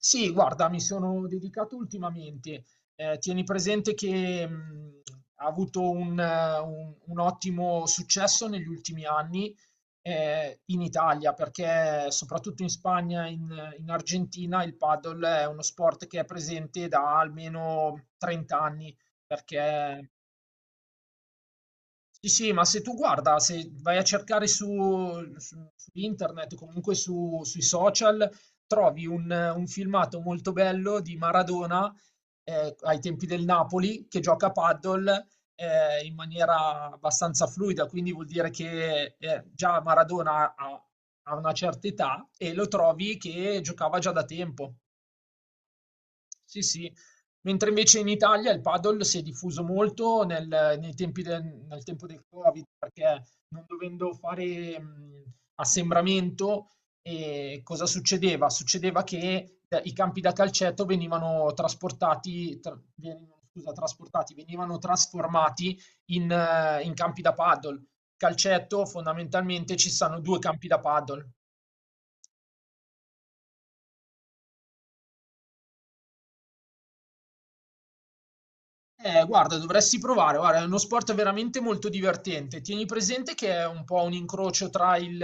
Sì, guarda, mi sono dedicato ultimamente. Tieni presente che, ha avuto un ottimo successo negli ultimi anni, in Italia, perché soprattutto in Spagna e in Argentina il padel è uno sport che è presente da almeno 30 anni, perché sì, sì, ma se tu guarda, se vai a cercare su, su internet, o comunque sui social, trovi un filmato molto bello di Maradona ai tempi del Napoli che gioca a paddle in maniera abbastanza fluida, quindi vuol dire che già ha una certa età e lo trovi che giocava già da tempo. Sì, sì. Mentre invece in Italia il padel si è diffuso molto nel tempo del Covid, perché non dovendo fare assembramento, cosa succedeva? Succedeva che i campi da calcetto venivano trasportati, scusa, trasportati, venivano trasformati in, in campi da paddle. Calcetto, fondamentalmente, ci sono due campi da paddle. Guarda, dovresti provare, guarda, è uno sport veramente molto divertente. Tieni presente che è un po' un incrocio tra il,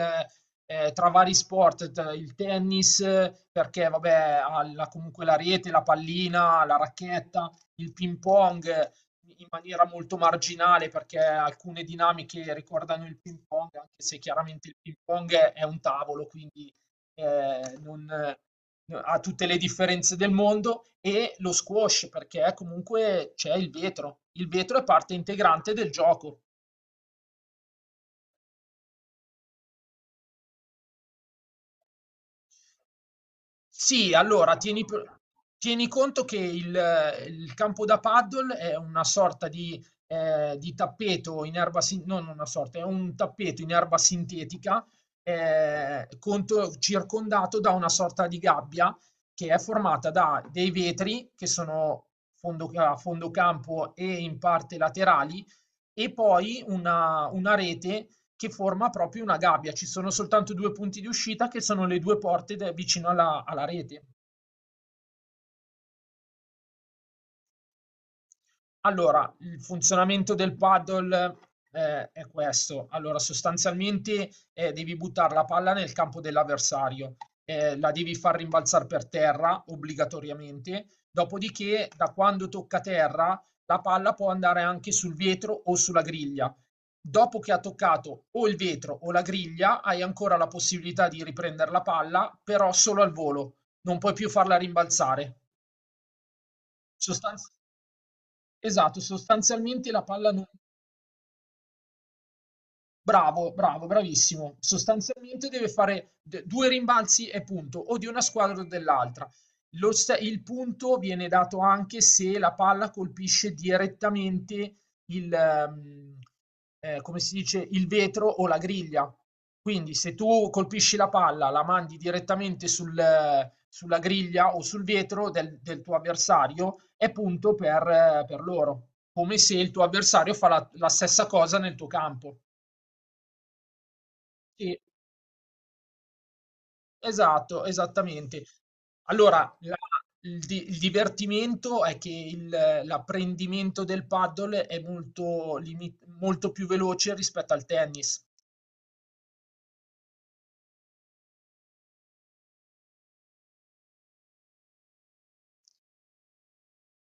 eh, tra vari sport, tra il tennis, perché vabbè, ha comunque la rete, la pallina, la racchetta, il ping pong in maniera molto marginale, perché alcune dinamiche ricordano il ping pong, anche se chiaramente il ping pong è un tavolo, quindi non n ha tutte le differenze del mondo, e lo squash perché comunque c'è il vetro. Il vetro è parte integrante del gioco. Sì, tieni conto che il campo da paddle è una sorta di tappeto in erba sin no, non una sorta, è un tappeto in erba sintetica, conto circondato da una sorta di gabbia che è formata da dei vetri che sono fondo ca a fondo campo e in parte laterali e poi una rete che forma proprio una gabbia. Ci sono soltanto due punti di uscita che sono le due porte vicino alla rete. Allora, il funzionamento del paddle, è questo. Allora, sostanzialmente, devi buttar la palla nel campo dell'avversario, la devi far rimbalzar per terra obbligatoriamente, dopodiché da quando tocca terra la palla può andare anche sul vetro o sulla griglia. Dopo che ha toccato o il vetro o la griglia, hai ancora la possibilità di riprender la palla, però solo al volo, non puoi più farla rimbalzare. Sostanz esatto, sostanzialmente la palla non bravo, bravo, bravissimo. Sostanzialmente deve fare due rimbalzi e punto, o di una squadra o dell'altra. Il punto viene dato anche se la palla colpisce direttamente il, ehm, come si dice, il vetro o la griglia. Quindi se tu colpisci la palla, la mandi direttamente sulla griglia o sul vetro del tuo avversario, è punto per loro, come se il tuo avversario fa la stessa cosa nel tuo campo. Sì, esatto, esattamente. Allora, la il di Il divertimento è che il l'apprendimento del paddle è molto più veloce rispetto al tennis.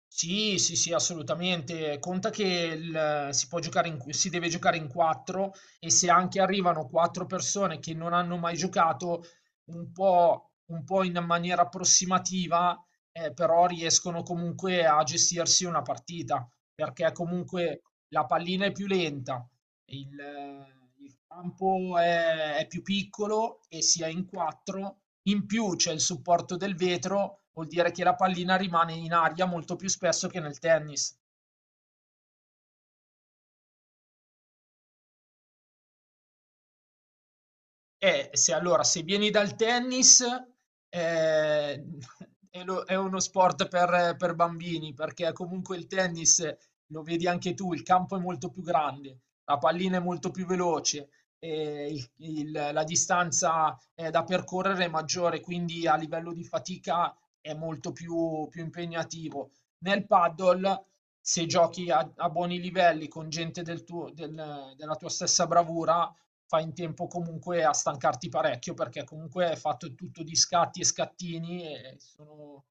Sì, sì, sì, assolutamente. Conta che si deve giocare in quattro e se anche arrivano quattro persone che non hanno mai giocato, un po' in maniera approssimativa, però riescono comunque a gestirsi una partita, perché comunque la pallina è più lenta, il campo è più piccolo e si è in 4, in più c'è il supporto del vetro, vuol dire che la pallina rimane in aria molto più spesso che nel tennis. Se vieni dal tennis, ehm, è uno sport per bambini, perché comunque il tennis, lo vedi anche tu, il campo è molto più grande, la pallina è molto più veloce, il la distanza, da percorrere è maggiore, quindi a livello di fatica è molto più impegnativo. Nel paddle, se giochi a buoni livelli con gente del della tua stessa bravura fai in tempo comunque a stancarti parecchio perché comunque è fatto tutto di scatti e scattini e sono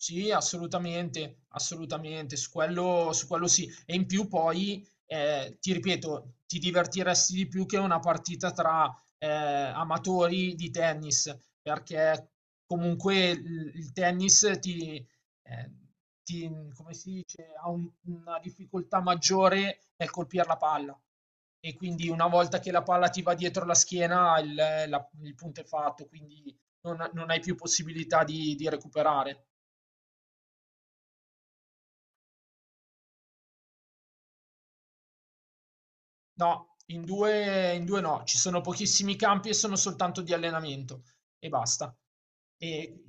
sì, assolutamente, assolutamente, su quello sì. E in più poi, ti ripeto, ti divertiresti di più che una partita tra amatori di tennis, perché comunque il tennis eh, come si dice, ha una difficoltà maggiore nel colpire la palla. E quindi una volta che la palla ti va dietro la schiena, il punto è fatto, quindi non, non hai più possibilità di recuperare. No, in 2 no, ci sono pochissimi campi e sono soltanto di allenamento e basta. E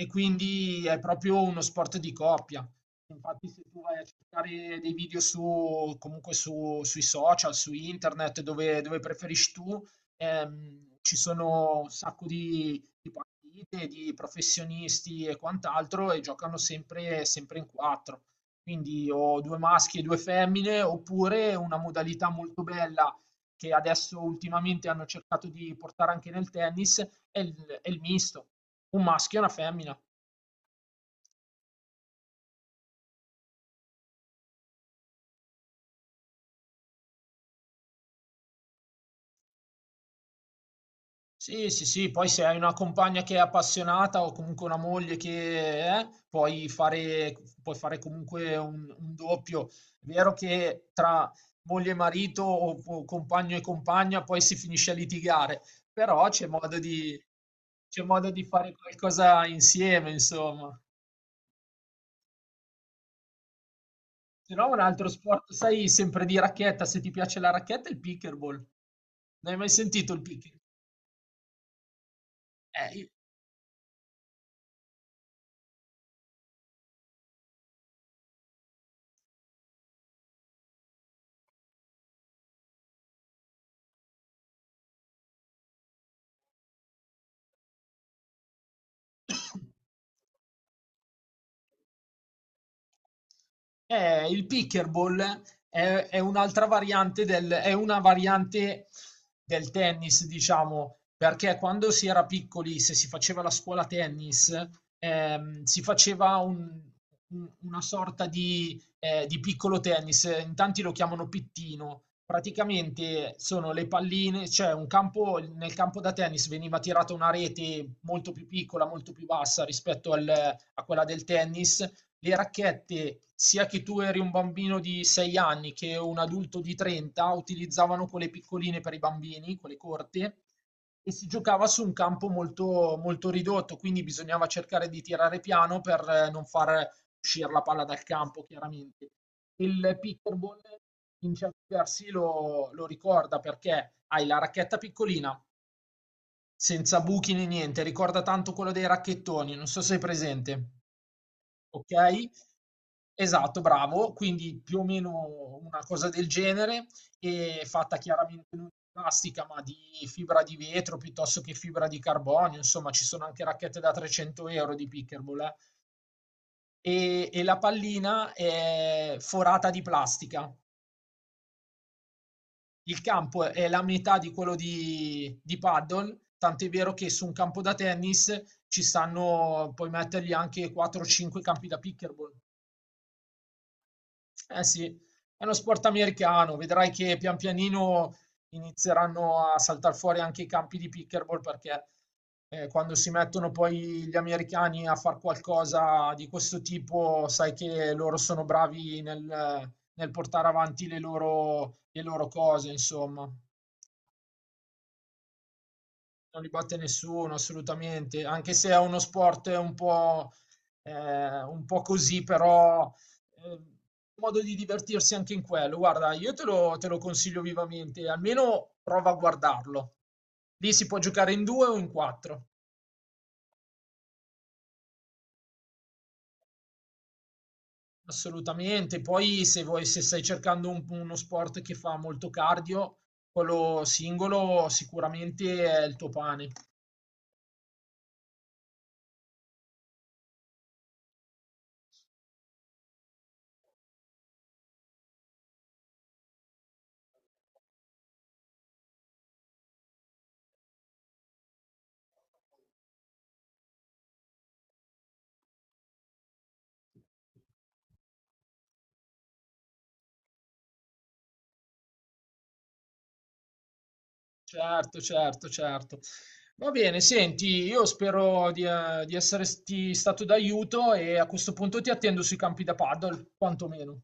e quindi è proprio uno sport di coppia. Infatti se tu vai a cercare dei video su sui social, su internet, dove preferisci tu, ci sono un sacco di partite, di professionisti e quant'altro e giocano sempre in 4. Quindi ho 2 maschi e 2 femmine, oppure una modalità molto bella che adesso ultimamente hanno cercato di portare anche nel tennis è il è il misto, un maschio e una femmina. Sì, sì, sì, poi se hai una compagna che è appassionata o comunque una moglie che è, puoi fare comunque un doppio. È vero che tra moglie e marito o compagno e compagna poi si finisce a litigare, però c'è modo di fare qualcosa insieme, insomma. Se no, un altro sport, sai, sempre di racchetta, se ti piace la racchetta, il pickleball. Non hai mai sentito il pickleball? Il pickleball è un'altra è una variante del tennis, diciamo, perché quando si era piccoli, se si faceva la scuola tennis, ehm, si faceva un- una sorta di piccolo tennis, in tanti lo chiamano pittino. Praticamente sono le palline, cioè un campo, nel campo da tennis veniva tirata una rete molto più piccola, molto più bassa rispetto a quella del tennis. Le racchette, sia che tu eri un bambino di 6 anni che un adulto di 30, utilizzavano quelle piccoline per i bambini, quelle corte e si giocava su un campo molto, molto ridotto, quindi bisognava cercare di tirare piano per non far uscire la palla dal campo chiaramente. Il pickerball in certi versi lo ricorda perché hai la racchetta piccolina, senza buchi né niente, ricorda tanto quello dei racchettoni, non so se è presente, ok? Esatto, bravo, quindi più o meno una cosa del genere, e fatta chiaramente non di plastica, ma di fibra di vetro piuttosto che fibra di carbonio, insomma ci sono anche racchette da 300 euro di pickerball, eh? E la pallina è forata di plastica. Il campo è la metà di quello di paddle, tant'è vero che su un campo da tennis ci stanno puoi mettergli anche 4 o 5 campi da pickleball. Eh sì, è uno sport americano, vedrai che pian pianino inizieranno a saltare fuori anche i campi di pickleball perché quando si mettono poi gli americani a fare qualcosa di questo tipo, sai che loro sono bravi nel portare avanti le loro cose, insomma. Non li batte nessuno, assolutamente, anche se è uno sport un po' così, però eh, modo di divertirsi anche in quello. Guarda, te lo consiglio vivamente, almeno prova a guardarlo. Lì si può giocare in due o in quattro, assolutamente. Poi se vuoi, se stai cercando uno sport che fa molto cardio, quello singolo sicuramente è il tuo pane. Certo, certo, certo. Va bene, senti, io spero di esserti stato d'aiuto e a questo punto ti attendo sui campi da paddle, quantomeno.